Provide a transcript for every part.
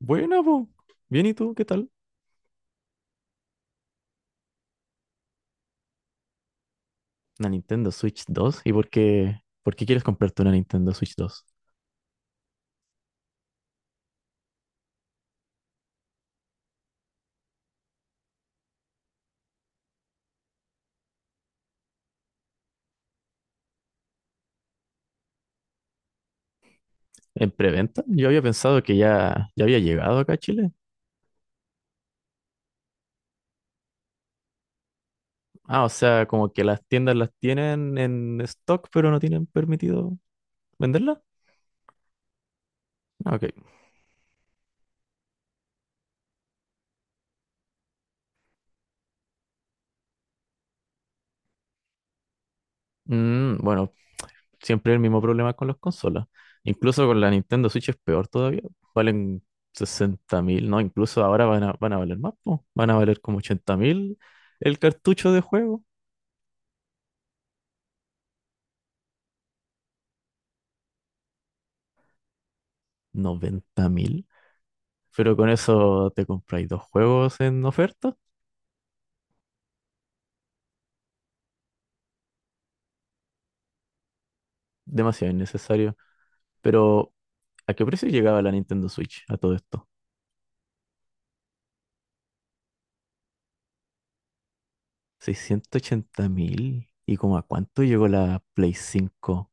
Buena, po. Bien, ¿y tú? ¿Qué tal? Una Nintendo Switch 2. ¿Y Por qué quieres comprarte una Nintendo Switch 2? ¿En preventa? Yo había pensado que ya había llegado acá a Chile. Ah, o sea, como que las tiendas las tienen en stock, pero no tienen permitido venderla. Ah, OK. Bueno, siempre el mismo problema con las consolas. Incluso con la Nintendo Switch es peor todavía. Valen 60.000, ¿no? Incluso ahora van a valer más, po. Van a valer como 80.000 el cartucho de juego. 90.000. Pero con eso te compráis dos juegos en oferta. Demasiado innecesario. Pero, ¿a qué precio llegaba la Nintendo Switch a todo esto? 680 mil. ¿Y como a cuánto llegó la Play 5?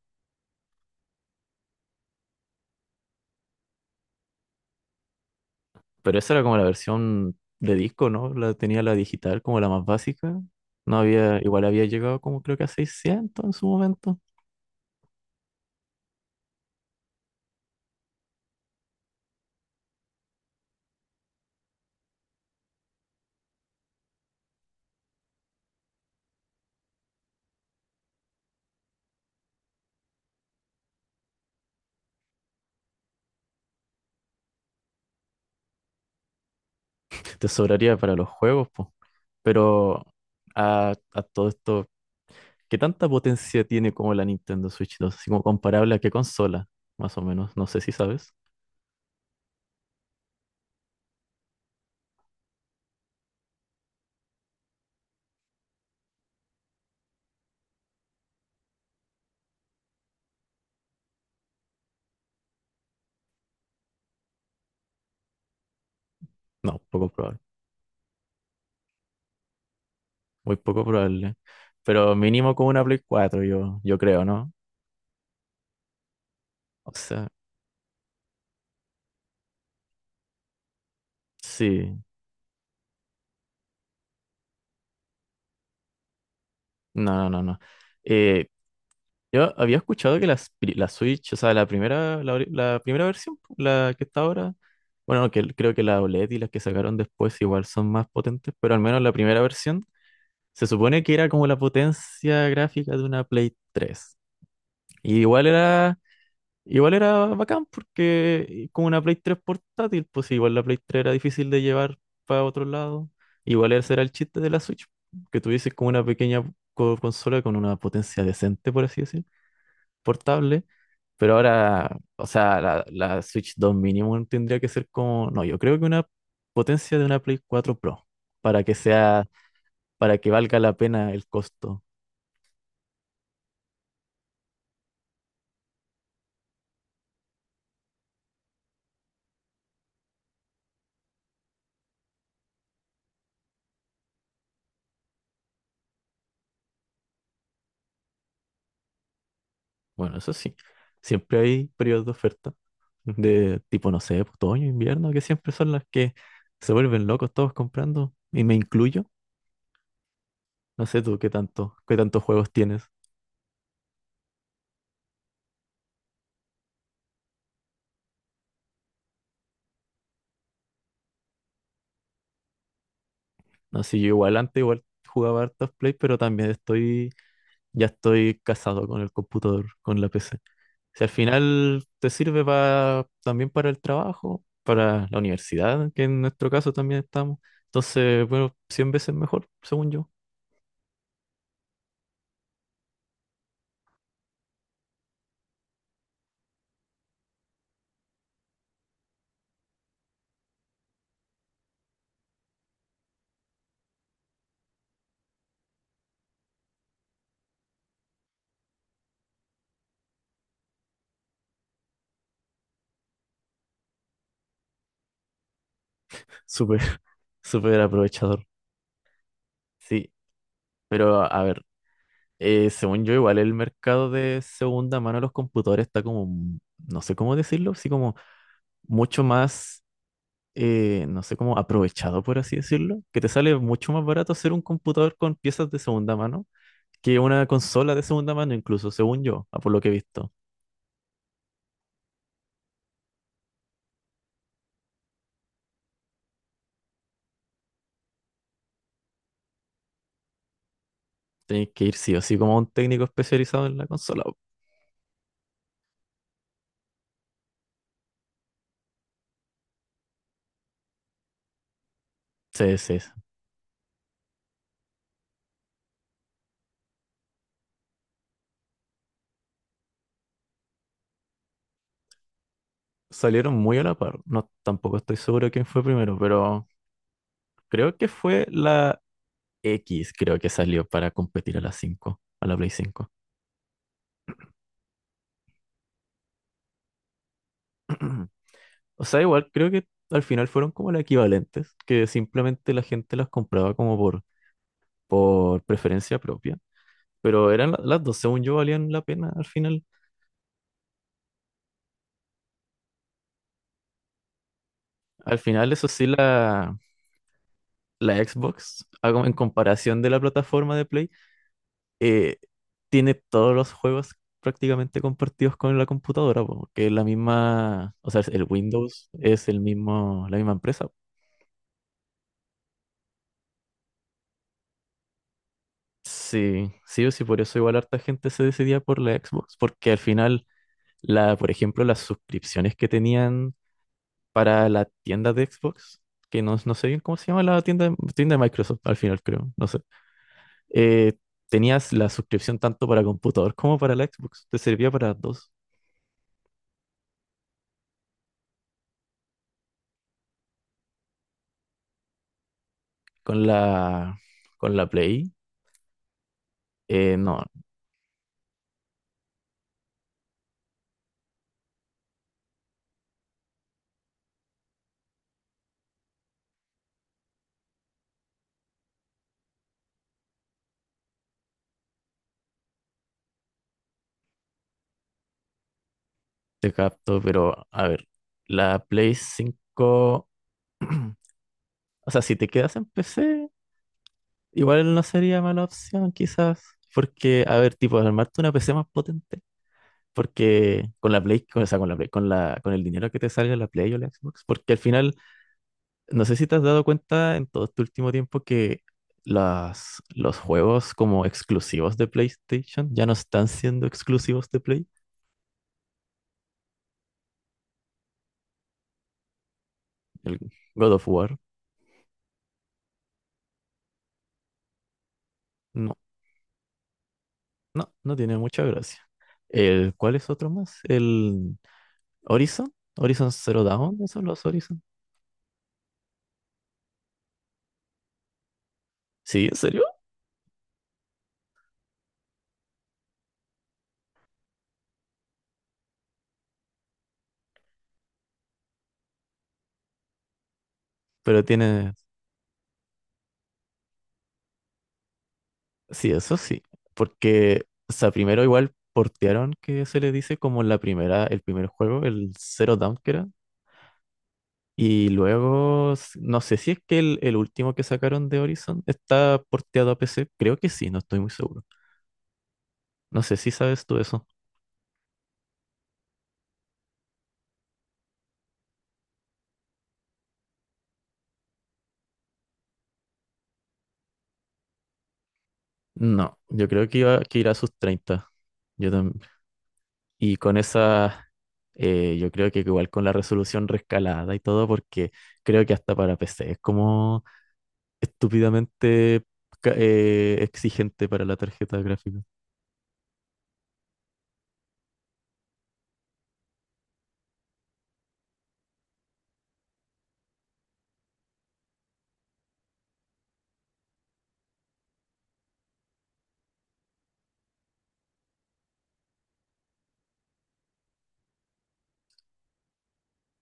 Pero esa era como la versión de disco, ¿no? La tenía la digital como la más básica. No había, igual había llegado como creo que a 600 en su momento. Te sobraría para los juegos, pues. Pero a todo esto, ¿qué tanta potencia tiene como la Nintendo Switch 2? Así como comparable a qué consola, más o menos. No sé si sabes. No, poco probable. Muy poco probable. Pero mínimo como una Play 4, yo creo, ¿no? O sea, sí. No, no, no, no. Eh, yo había escuchado que la Switch, o sea, la primera, la primera versión, la que está ahora, bueno, que creo que la OLED y las que sacaron después igual son más potentes, pero al menos la primera versión se supone que era como la potencia gráfica de una Play 3. Y igual era bacán porque con una Play 3 portátil, pues sí, igual la Play 3 era difícil de llevar para otro lado. Igual ese era el chiste de la Switch, que tuviese como una pequeña consola con una potencia decente, por así decir, portable. Pero ahora, o sea, la Switch 2 mínimo tendría que ser como, no, yo creo que una potencia de una Play 4 Pro, para que sea, para que valga la pena el costo. Bueno, eso sí. Siempre hay periodos de oferta, de tipo, no sé, otoño, invierno, que siempre son las que se vuelven locos todos comprando, y me incluyo. No sé tú qué tantos juegos tienes. No sé, yo igual antes igual jugaba hartos Play, pero también ya estoy casado con el computador, con la PC. Si al final te sirve también para el trabajo, para la universidad, que en nuestro caso también estamos. Entonces, bueno, 100 veces mejor, según yo. Súper, súper aprovechador. Sí, pero a ver, según yo, igual el mercado de segunda mano de los computadores está como, no sé cómo decirlo, así como mucho más, no sé cómo, aprovechado, por así decirlo, que te sale mucho más barato hacer un computador con piezas de segunda mano que una consola de segunda mano, incluso, según yo, a por lo que he visto. Tenéis que ir sí o sí como a un técnico especializado en la consola. Sí, sí, sí. Salieron muy a la par. No, tampoco estoy seguro quién fue primero, pero creo que fue la X, creo que salió para competir a la Play 5. O sea, igual creo que al final fueron como las equivalentes, que simplemente la gente las compraba como por preferencia propia. Pero eran las dos, según yo, valían la pena al final. Al final, eso sí, la Xbox, en comparación de la plataforma de Play, eh, tiene todos los juegos prácticamente compartidos con la computadora, porque es la misma, o sea, el Windows es el mismo, la misma empresa. Sí, sí o sí, por eso igual harta gente se decidía por la Xbox, porque al final, la, por ejemplo, las suscripciones que tenían para la tienda de Xbox, que no sé bien cómo se llama la tienda, tienda de Microsoft, al final creo, no sé, eh, tenías la suscripción tanto para computador como para la Xbox, te servía para las dos. Con la, con la Play, no, te capto, pero a ver, la Play 5, o sea, si te quedas en PC... Igual no sería mala opción, quizás, porque, a ver, tipo, armarte una PC más potente, porque con la Play, o sea, con la Play- con la, con el dinero que te salga en la Play o la Xbox, porque al final, no sé si te has dado cuenta en todo este último tiempo que los juegos como exclusivos de PlayStation ya no están siendo exclusivos de Play. El God of War, no, no, no tiene mucha gracia. ¿Cuál es otro más? El Horizon, Horizon Zero Dawn, esos son los Horizon. Sí, ¿en serio? Pero tiene Sí, eso sí, porque, o sea, primero igual portearon, que se le dice como la primera, el primer juego, el Zero Dawn que era, y luego, no sé si es que el último que sacaron de Horizon está porteado a PC, creo que sí, no estoy muy seguro. No sé si sabes tú eso. No, yo creo que irá a sus 30. Yo tam- Y con esa, yo creo que igual con la resolución rescalada y todo, porque creo que hasta para PC es como estúpidamente exigente para la tarjeta gráfica.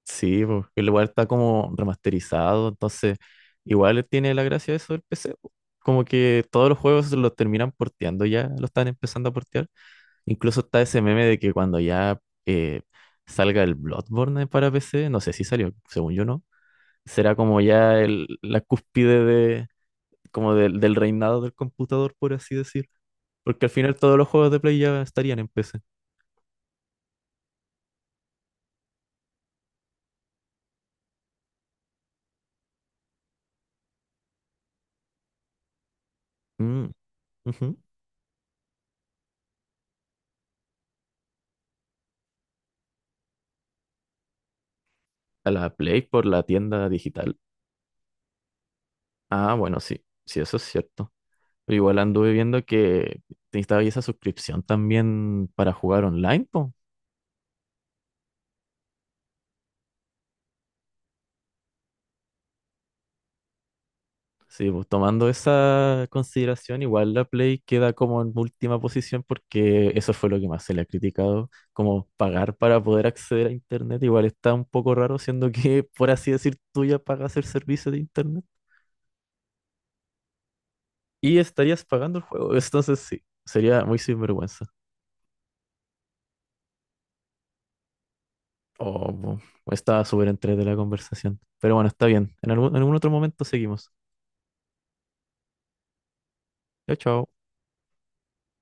Sí, porque el lugar está como remasterizado, entonces igual tiene la gracia eso del PC, po. Como que todos los juegos los terminan porteando ya, lo están empezando a portear. Incluso está ese meme de que cuando ya eh, salga el Bloodborne para PC, no sé si salió, según yo no, será como ya la cúspide de, como del reinado del computador, por así decir. Porque al final todos los juegos de Play ya estarían en PC. Mm, ujú. A la Play por la tienda digital. Ah, bueno, sí, sí, eso es cierto. Pero igual anduve viendo que te estaba ahí esa suscripción también para jugar online, po. Sí, pues tomando esa consideración, igual la Play queda como en última posición porque eso fue lo que más se le ha criticado, como pagar para poder acceder a Internet, igual está un poco raro, siendo que, por así decir, tú ya pagas el servicio de Internet y estarías pagando el juego, entonces sí, sería muy sinvergüenza. Oh, o estaba súper entre de la conversación. Pero bueno, está bien. En algún otro momento seguimos. Chao, chao.